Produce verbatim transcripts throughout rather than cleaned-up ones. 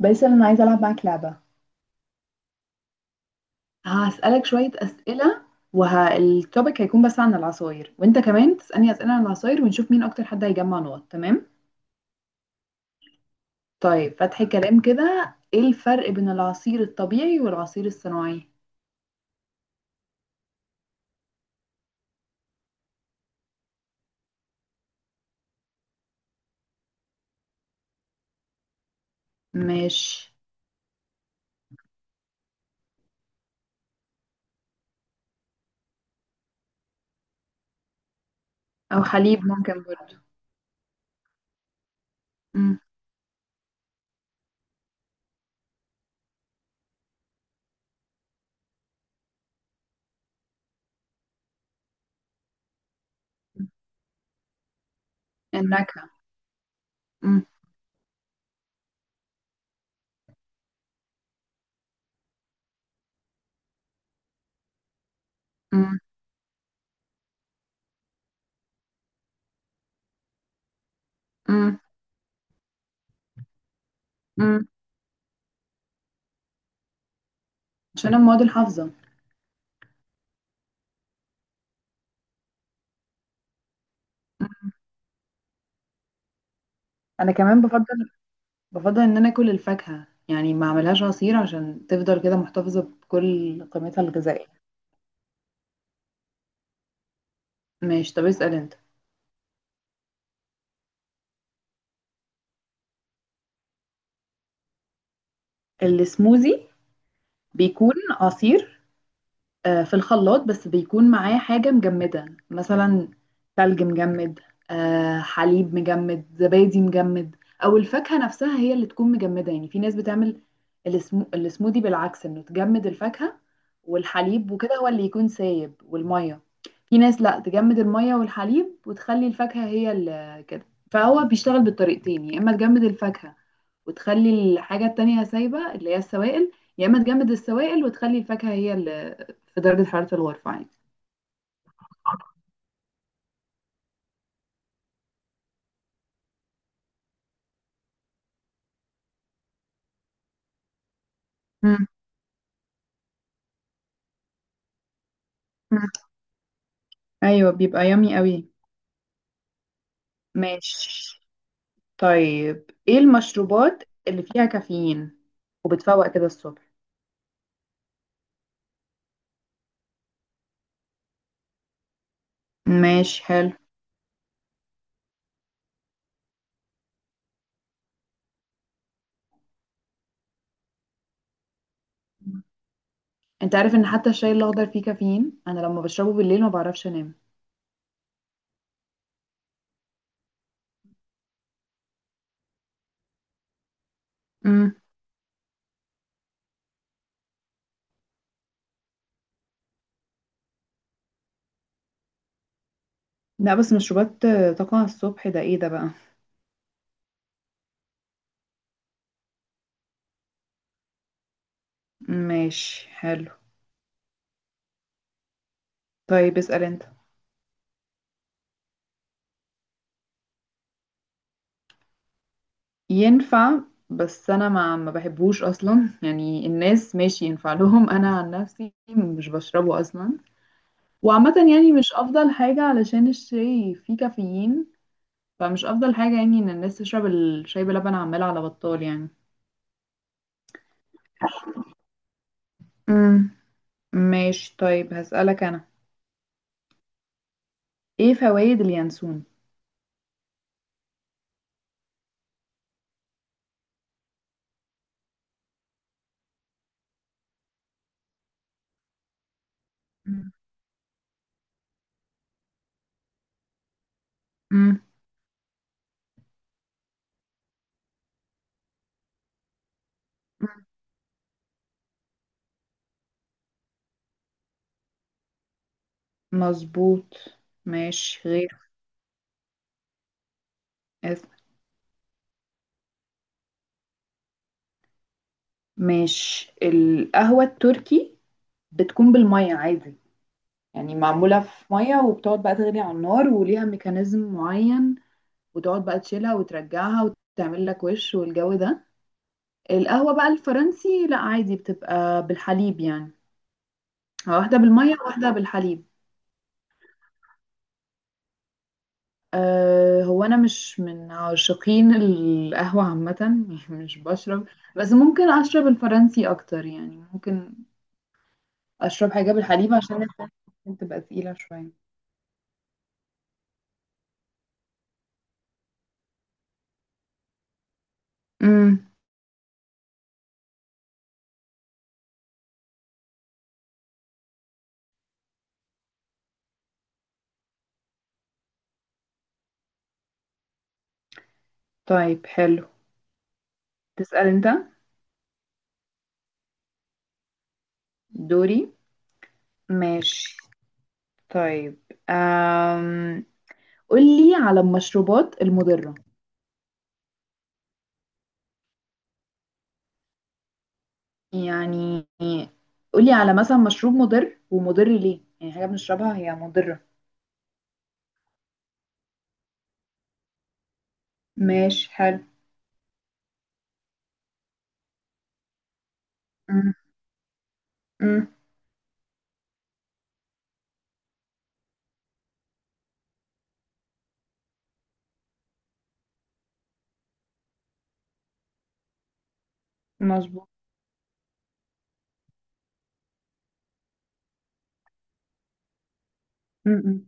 باسل، انا عايزه العب معاك لعبه. هسالك شويه اسئله. والتوبيك هيكون بس عن العصاير، وانت كمان تسالني اسئله عن العصاير، ونشوف مين اكتر حد هيجمع نقط. تمام؟ طيب، فتحي كلام كده، ايه الفرق بين العصير الطبيعي والعصير الصناعي؟ مش. او حليب ممكن برضو. امم. النكهه. امم. امم. امم. امم. عشان أنا مواد الحافظه. مم. انا كمان بفضل بفضل ان انا اكل الفاكهه، يعني ما اعملهاش عصير عشان تفضل كده محتفظه بكل قيمتها الغذائيه. ماشي، طب اسال انت. السموزي؟ بيكون عصير، آه، في الخلاط بس بيكون معاه حاجة مجمدة مثلا. ثلج مجمد. آه، حليب مجمد، زبادي مجمد. أو الفاكهة نفسها هي اللي تكون مجمدة. يعني في ناس بتعمل السمو... السموذي بالعكس إنه تجمد الفاكهة والحليب وكده، هو اللي يكون سايب والمية. في ناس لا، تجمد المية والحليب وتخلي الفاكهة هي اللي كده. فهو بيشتغل بالطريقتين، يا إما تجمد الفاكهة وتخلي الحاجة التانية سايبة اللي هي السوائل، يا اما تجمد السوائل وتخلي الفاكهة هي اللي في درجة حرارة الغرفة عادي. مم. مم. ايوه، بيبقى يامي قوي. ماشي. طيب، ايه المشروبات اللي فيها كافيين وبتفوق كده الصبح؟ ماشي، حلو. انت عارف ان حتى الشاي الاخضر فيه كافيين؟ انا لما بشربه بالليل ما بعرفش انام. مم. لا، بس مشروبات آه، طاقة الصبح ده ايه ده بقى؟ ماشي، حلو. طيب، اسأل انت. ينفع. بس انا ما ما بحبهوش اصلا، يعني الناس ماشي ينفع لهم انا عن نفسي مش بشربه اصلا. وعامة يعني مش افضل حاجة، علشان الشاي فيه كافيين. فمش افضل حاجة يعني، ان الناس تشرب الشاي بلبن عمال على بطال يعني. امم. ماشي. طيب، هسألك انا، ايه فوائد اليانسون؟ مم. مم. مظبوط. ماشي، غير. اسم. ماشي، القهوة التركي بتكون بالمية عادي، يعني معمولة في مية، وبتقعد بقى تغلي على النار وليها ميكانيزم معين، وتقعد بقى تشيلها وترجعها وتعمل لك وش والجو ده. القهوة بقى الفرنسي لا، عادي بتبقى بالحليب يعني. واحدة بالمية، واحدة بالحليب. أه، هو أنا مش من عاشقين القهوة عامة، يعني مش بشرب. بس ممكن أشرب الفرنسي أكتر، يعني ممكن أشرب حاجة بالحليب، عشان الحليب ممكن تبقى تقيلة شوية. امم. طيب، حلو. تسأل أنت. دوري. ماشي. طيب، أم... قولي على المشروبات المضرة. يعني قولي على مثلا مشروب مضر، ومضر ليه، يعني حاجة بنشربها هي مضرة. ماشي، حلو. م- م. مظبوط. م- م.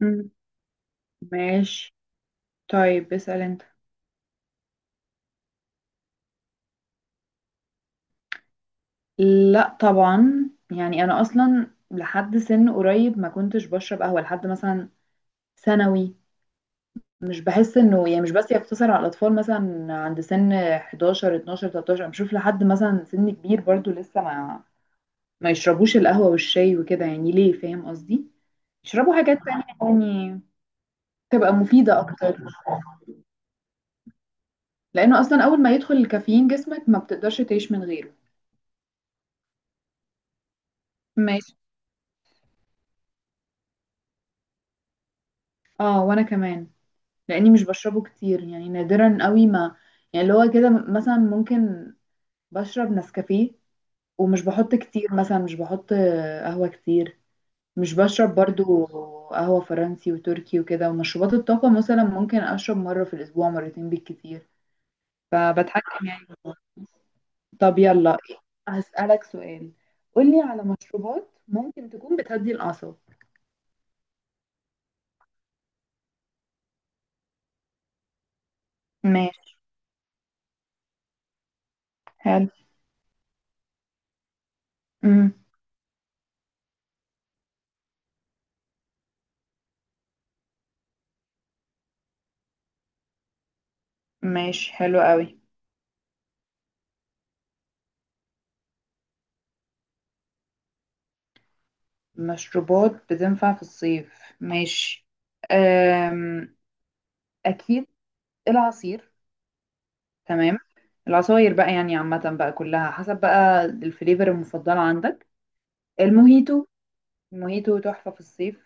م. ماشي. طيب، اسأل انت. لا طبعا، يعني انا اصلا لحد سن قريب ما كنتش بشرب قهوة لحد مثلا ثانوي. مش باحس إنه، يعني مش بس يقتصر على الأطفال مثلًا عند سِن حداشر، اتناشر، ثلاثة عشر، أنا باشوف لحد مثلًا سِن كبير برضه لسه ما ما يشربوش القهوة والشاي وكده يعني ليه، فاهم قصدي؟ يشربوا حاجات تانية، يعني تبقى مفيدة أكتر، لإنه أصلًا أول ما يدخل الكافيين جسمك ما بتقدرش تعيش من غيره. ماشي. آه، وأنا كمان، لإني مش باشربه كتير، يعني نادرًا أوي ما يعني اللي هو كده، م مثلًا ممكن باشرب نسكافيه، ومش باحُط كتير مثلًا، مش باحُط قهوة كتير. مش بشرب برضو قهوة فرنسي وتركي وكده، ومشروبات الطاقة مثلا ممكن أشرب مرة في الأسبوع، مرتين بالكتير. فبتحكم يعني. طب يلا، هسألك سؤال، قولي على مشروبات ممكن تكون بتهدي الأعصاب. ماشي، حلو. امم. ماشي، حلو قوي. مشروبات بتنفع في الصيف، ماشي. أم... اكيد، العصير. تمام. العصاير بقى يعني عامة بقى كلها حسب بقى الفليفر المفضلة عندك. الموهيتو، موهيتو تحفة في الصيف.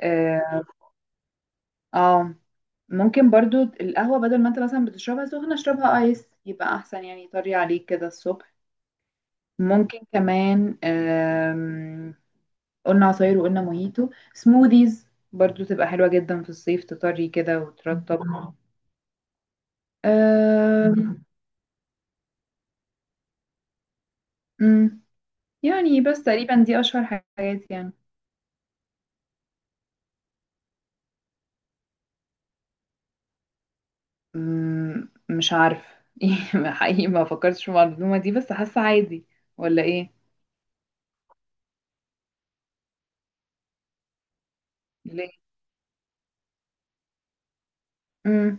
اه. آه. ممكن برضو القهوة، بدل ما انت مثلا بتشربها سخنة اشربها ايس، يبقى احسن يعني، طري عليك كده الصبح. ممكن كمان، آم، قلنا عصاير وقلنا موهيتو، سموذيز برضو تبقى حلوة جدا في الصيف، تطري كده وترطب. آم، مم، يعني بس تقريبا دي اشهر حاجات يعني. مم، مش عارف. حقيقي ما فكرتش في المعلومة دي، بس حاسة عادي، ولا ايه؟ ليه؟ مم.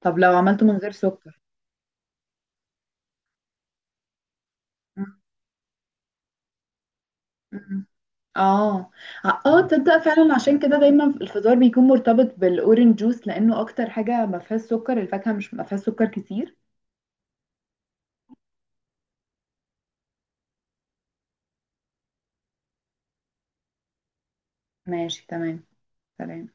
طب لو عملته من غير سكر؟ مم. مم. اه. اه، تصدق فعلا عشان كده دايما الفطار بيكون مرتبط بالاورنج جوس، لانه اكتر حاجه ما فيهاش سكر. الفاكهه مش ما فيهاش سكر كتير. ماشي، تمام. سلام.